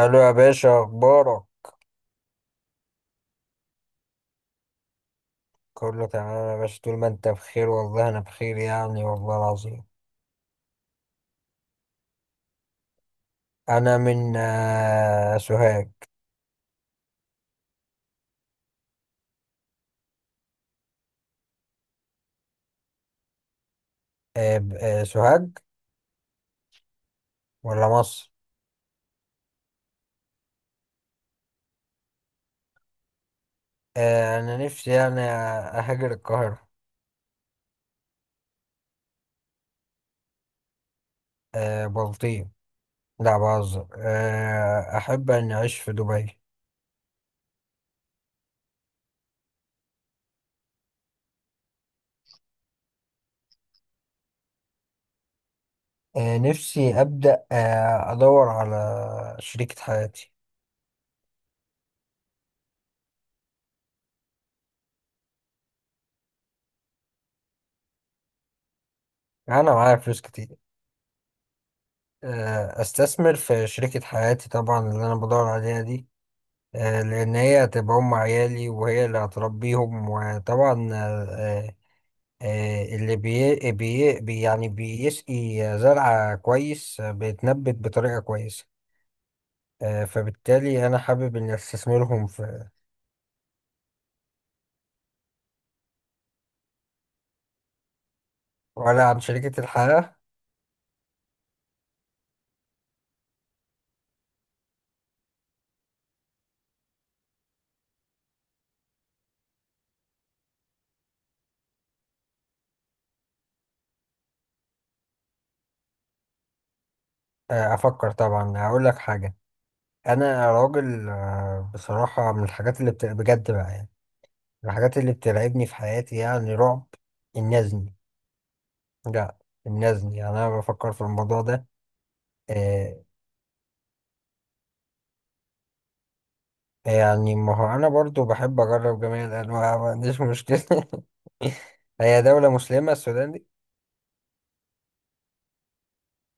الو يا باشا، اخبارك؟ كله تمام يا باشا. طول ما انت بخير والله انا بخير يعني، والله العظيم. انا من سوهاج. سوهاج ولا مصر؟ انا نفسي يعني اهاجر القاهرة. بلطيم. لا، بهزر. احب اني اعيش في دبي. نفسي ابدا، ادور على شريكة حياتي. انا معايا فلوس كتير، استثمر في شريكة حياتي طبعا، اللي انا بدور عليها دي. لأن هي هتبقى أم عيالي وهي اللي هتربيهم، وطبعا اللي يعني بيسقي زرعة كويس، بيتنبت بطريقة كويسة. فبالتالي أنا حابب إني أستثمرهم في، ولا عن شركة الحياة. أفكر طبعا، هقول لك حاجة. أنا راجل، بصراحة من الحاجات اللي بجد بقى، يعني من الحاجات اللي بترعبني في حياتي يعني، رعب، النزني. لا، النزني، يعني أنا بفكر في الموضوع ده. آه، يعني ما هو انا برضو بحب اجرب جميع الانواع، ما عنديش مشكله هي دوله مسلمه السودان دي.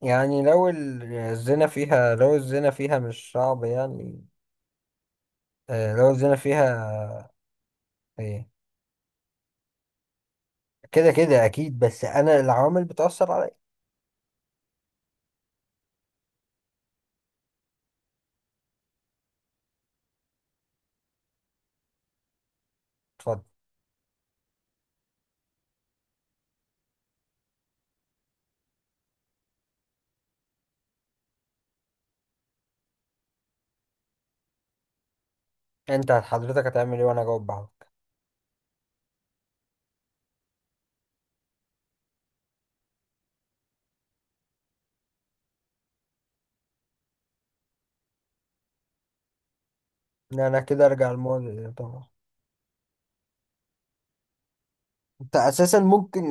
يعني لو الزنا فيها، مش صعب يعني. لو الزنا فيها. إيه، كده كده اكيد، بس انا العوامل بتاثر عليا. اتفضل. انت حضرتك هتعمل ايه وانا اجاوب بعض؟ لا، انا كده ارجع الماضي طبعا. انت اساسا ممكن،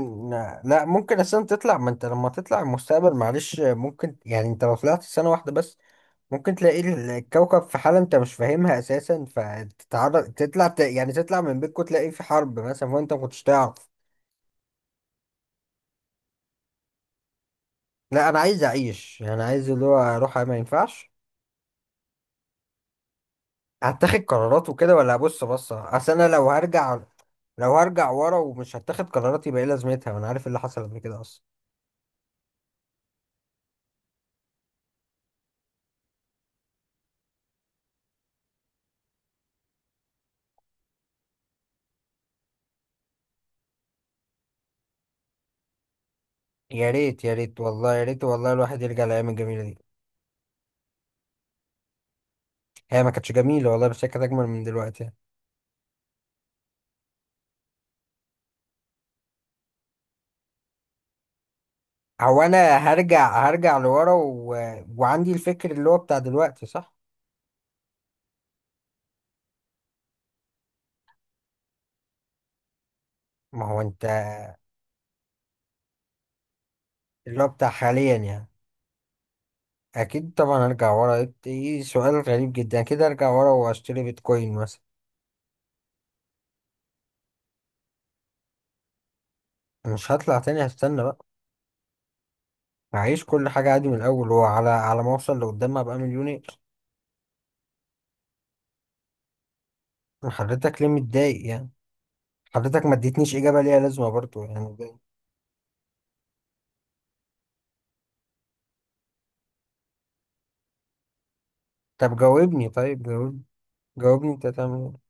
لا، ممكن اساسا تطلع. ما انت لما تطلع المستقبل معلش، ممكن يعني انت لو طلعت سنه واحده بس ممكن تلاقي الكوكب في حالة انت مش فاهمها اساسا، فتتعرض تطلع يعني تطلع من بيتكم تلاقي في حرب مثلا وانت ما كنتش تعرف. لا، انا عايز اعيش، يعني عايز اللي هو اروح، ما ينفعش هتاخد قرارات وكده ولا ابص بصة. اصل انا لو هرجع ورا ومش هتاخد قرارات، يبقى ايه لازمتها وانا عارف إيه اللي حصل قبل كده اصلا. يا ريت، يا ريت والله، يا ريت والله الواحد يرجع للايام الجميلة دي. هي ما كانتش جميلة والله، بس هي كانت اجمل من دلوقتي. هو انا هرجع لورا وعندي الفكر اللي هو بتاع دلوقتي، صح؟ ما هو انت، اللي هو بتاع حاليا يعني. اكيد طبعا ارجع ورا. ايه إيه، سؤال غريب جدا، اكيد ارجع ورا واشتري بيتكوين مثلا. مش هطلع تاني، هستنى بقى. هعيش كل حاجة عادي من الاول، وعلى ما اوصل لقدام ابقى مليونير. حضرتك ليه متضايق يعني؟ حضرتك ما اديتنيش اجابة ليها لازمة برضو يعني. طب جاوبني، جاوبني، انت هتعمل ايه؟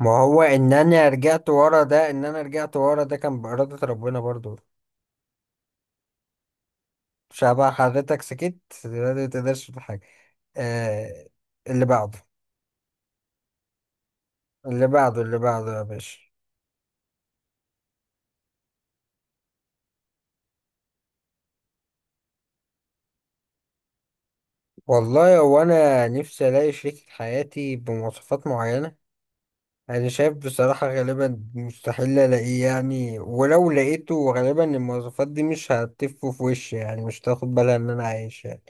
ما هو ان انا رجعت ورا ده كان بإرادة ربنا برضو. مش هبقى حضرتك سكت دلوقتي ما تقدرش في حاجة. آه اللي بعده، اللي بعده، اللي بعده يا باشا. والله هو انا نفسي الاقي شريكة حياتي بمواصفات معينة. انا شايف بصراحة غالبا مستحيل الاقيه يعني، ولو لقيته غالبا المواصفات دي مش هتف في وشي، يعني مش تاخد بالها ان انا عايش يعني.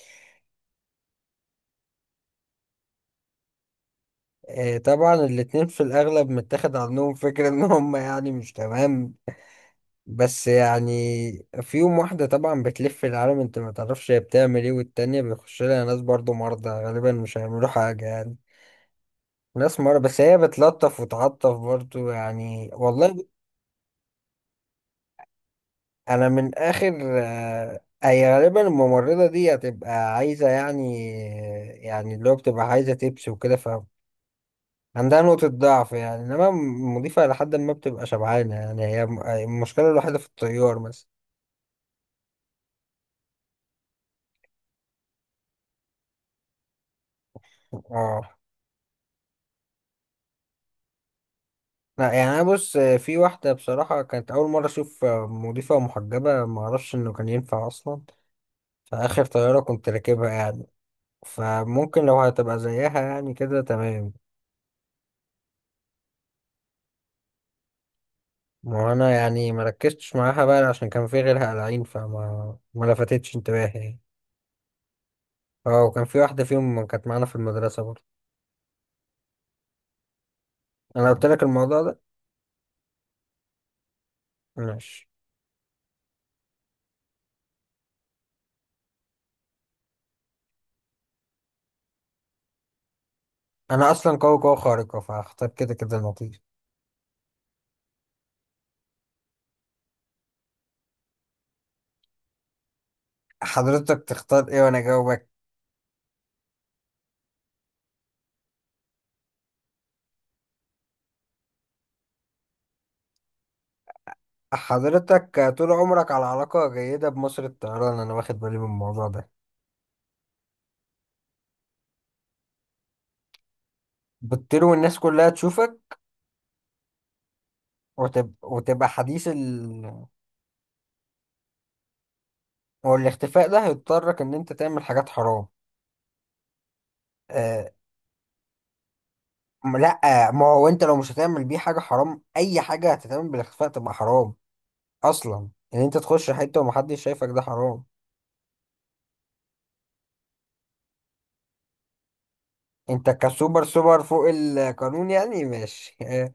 طبعا الاتنين في الاغلب متاخد عنهم فكرة ان هم يعني مش تمام. بس يعني فيهم واحدة طبعا بتلف العالم، انت ما تعرفش هي بتعمل ايه، والتانية بيخش لها ناس برضو مرضى، غالبا مش هيعملوا حاجة يعني، ناس مرة، بس هي بتلطف وتعطف برضو يعني والله. انا من اخر، آه، اي غالبا الممرضة دي هتبقى عايزة يعني، يعني اللي هو بتبقى عايزة تبس وكده. فعندها نقطة ضعف يعني، انما المضيفة لحد ما بتبقى شبعانة يعني، هي المشكلة الوحيدة في الطيار مثلا. اه، لا يعني انا بص، في واحدة بصراحة كانت أول مرة أشوف مضيفة محجبة، معرفش إنه كان ينفع أصلا، في آخر طيارة كنت راكبها يعني. فممكن لو هتبقى زيها يعني كده تمام. ما هو انا يعني ما ركزتش معاها بقى عشان كان في غيرها قلعين، فما ما لفتتش انتباهي يعني. اه، وكان في واحدة فيهم كانت معانا في المدرسة برضه. انا قلت لك الموضوع ده. ماشي. انا اصلا قوي قوي خارقة، فهختار كده كده النقيض. حضرتك تختار ايه وانا اجاوبك؟ حضرتك طول عمرك على علاقة جيدة بمصر الطيران، انا واخد بالي من الموضوع ده. بتطير والناس كلها تشوفك وتبقى حديث. هو الاختفاء ده هيضطرك ان انت تعمل حاجات حرام. آه لا. ما هو انت لو مش هتعمل بيه حاجة حرام، اي حاجة هتتعمل بالاختفاء تبقى حرام اصلا. ان انت تخش حتة ومحدش شايفك ده حرام. انت كسوبر سوبر فوق القانون يعني، ماشي آه.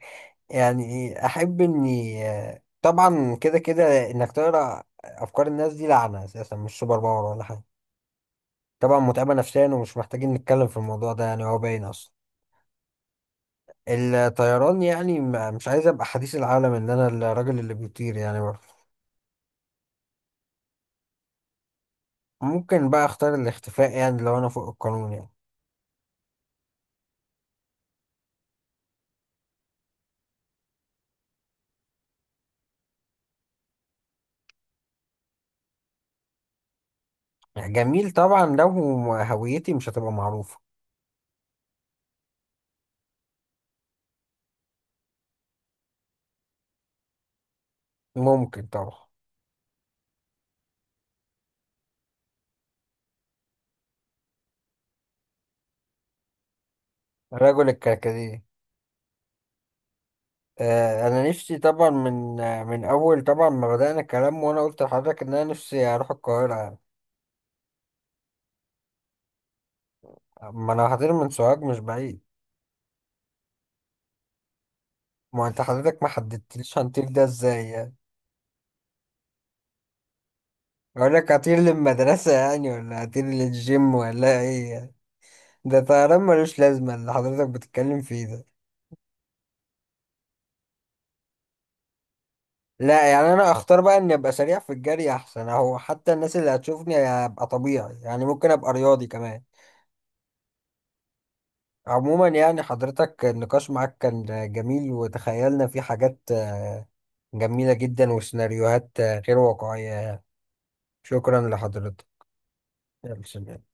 يعني احب اني، طبعا كده كده، انك تقرا افكار الناس دي لعنة اساسا، مش سوبر باور ولا حاجة، طبعا متعبة نفسيا، ومش محتاجين نتكلم في الموضوع ده يعني، هو باين اصلا. الطيران يعني، مش عايز ابقى حديث العالم ان انا الراجل اللي بيطير يعني برضه. ممكن بقى اختار الاختفاء يعني لو انا فوق القانون يعني، يعني جميل طبعا لو هويتي مش هتبقى معروفة. ممكن طبعا. رجل الكركديه. انا نفسي طبعا من اول، طبعا ما بدأنا الكلام وانا قلت لحضرتك ان انا نفسي اروح القاهرة يعني. ما انا هطير من سوهاج، مش بعيد. ما انت حضرتك ما حددتليش هنطير ده ازاي يعني؟ اقول لك هطير للمدرسة يعني، ولا هطير للجيم، ولا ايه يعني؟ ده طيران ملوش لازمة اللي حضرتك بتتكلم فيه ده. لا يعني انا اختار بقى اني ابقى سريع في الجري احسن اهو، حتى الناس اللي هتشوفني هبقى طبيعي يعني، ممكن ابقى رياضي كمان. عموما يعني، حضرتك النقاش معاك كان جميل، وتخيلنا فيه حاجات جميلة جدا، وسيناريوهات غير واقعية. شكرا لحضرتك. يلا سلام.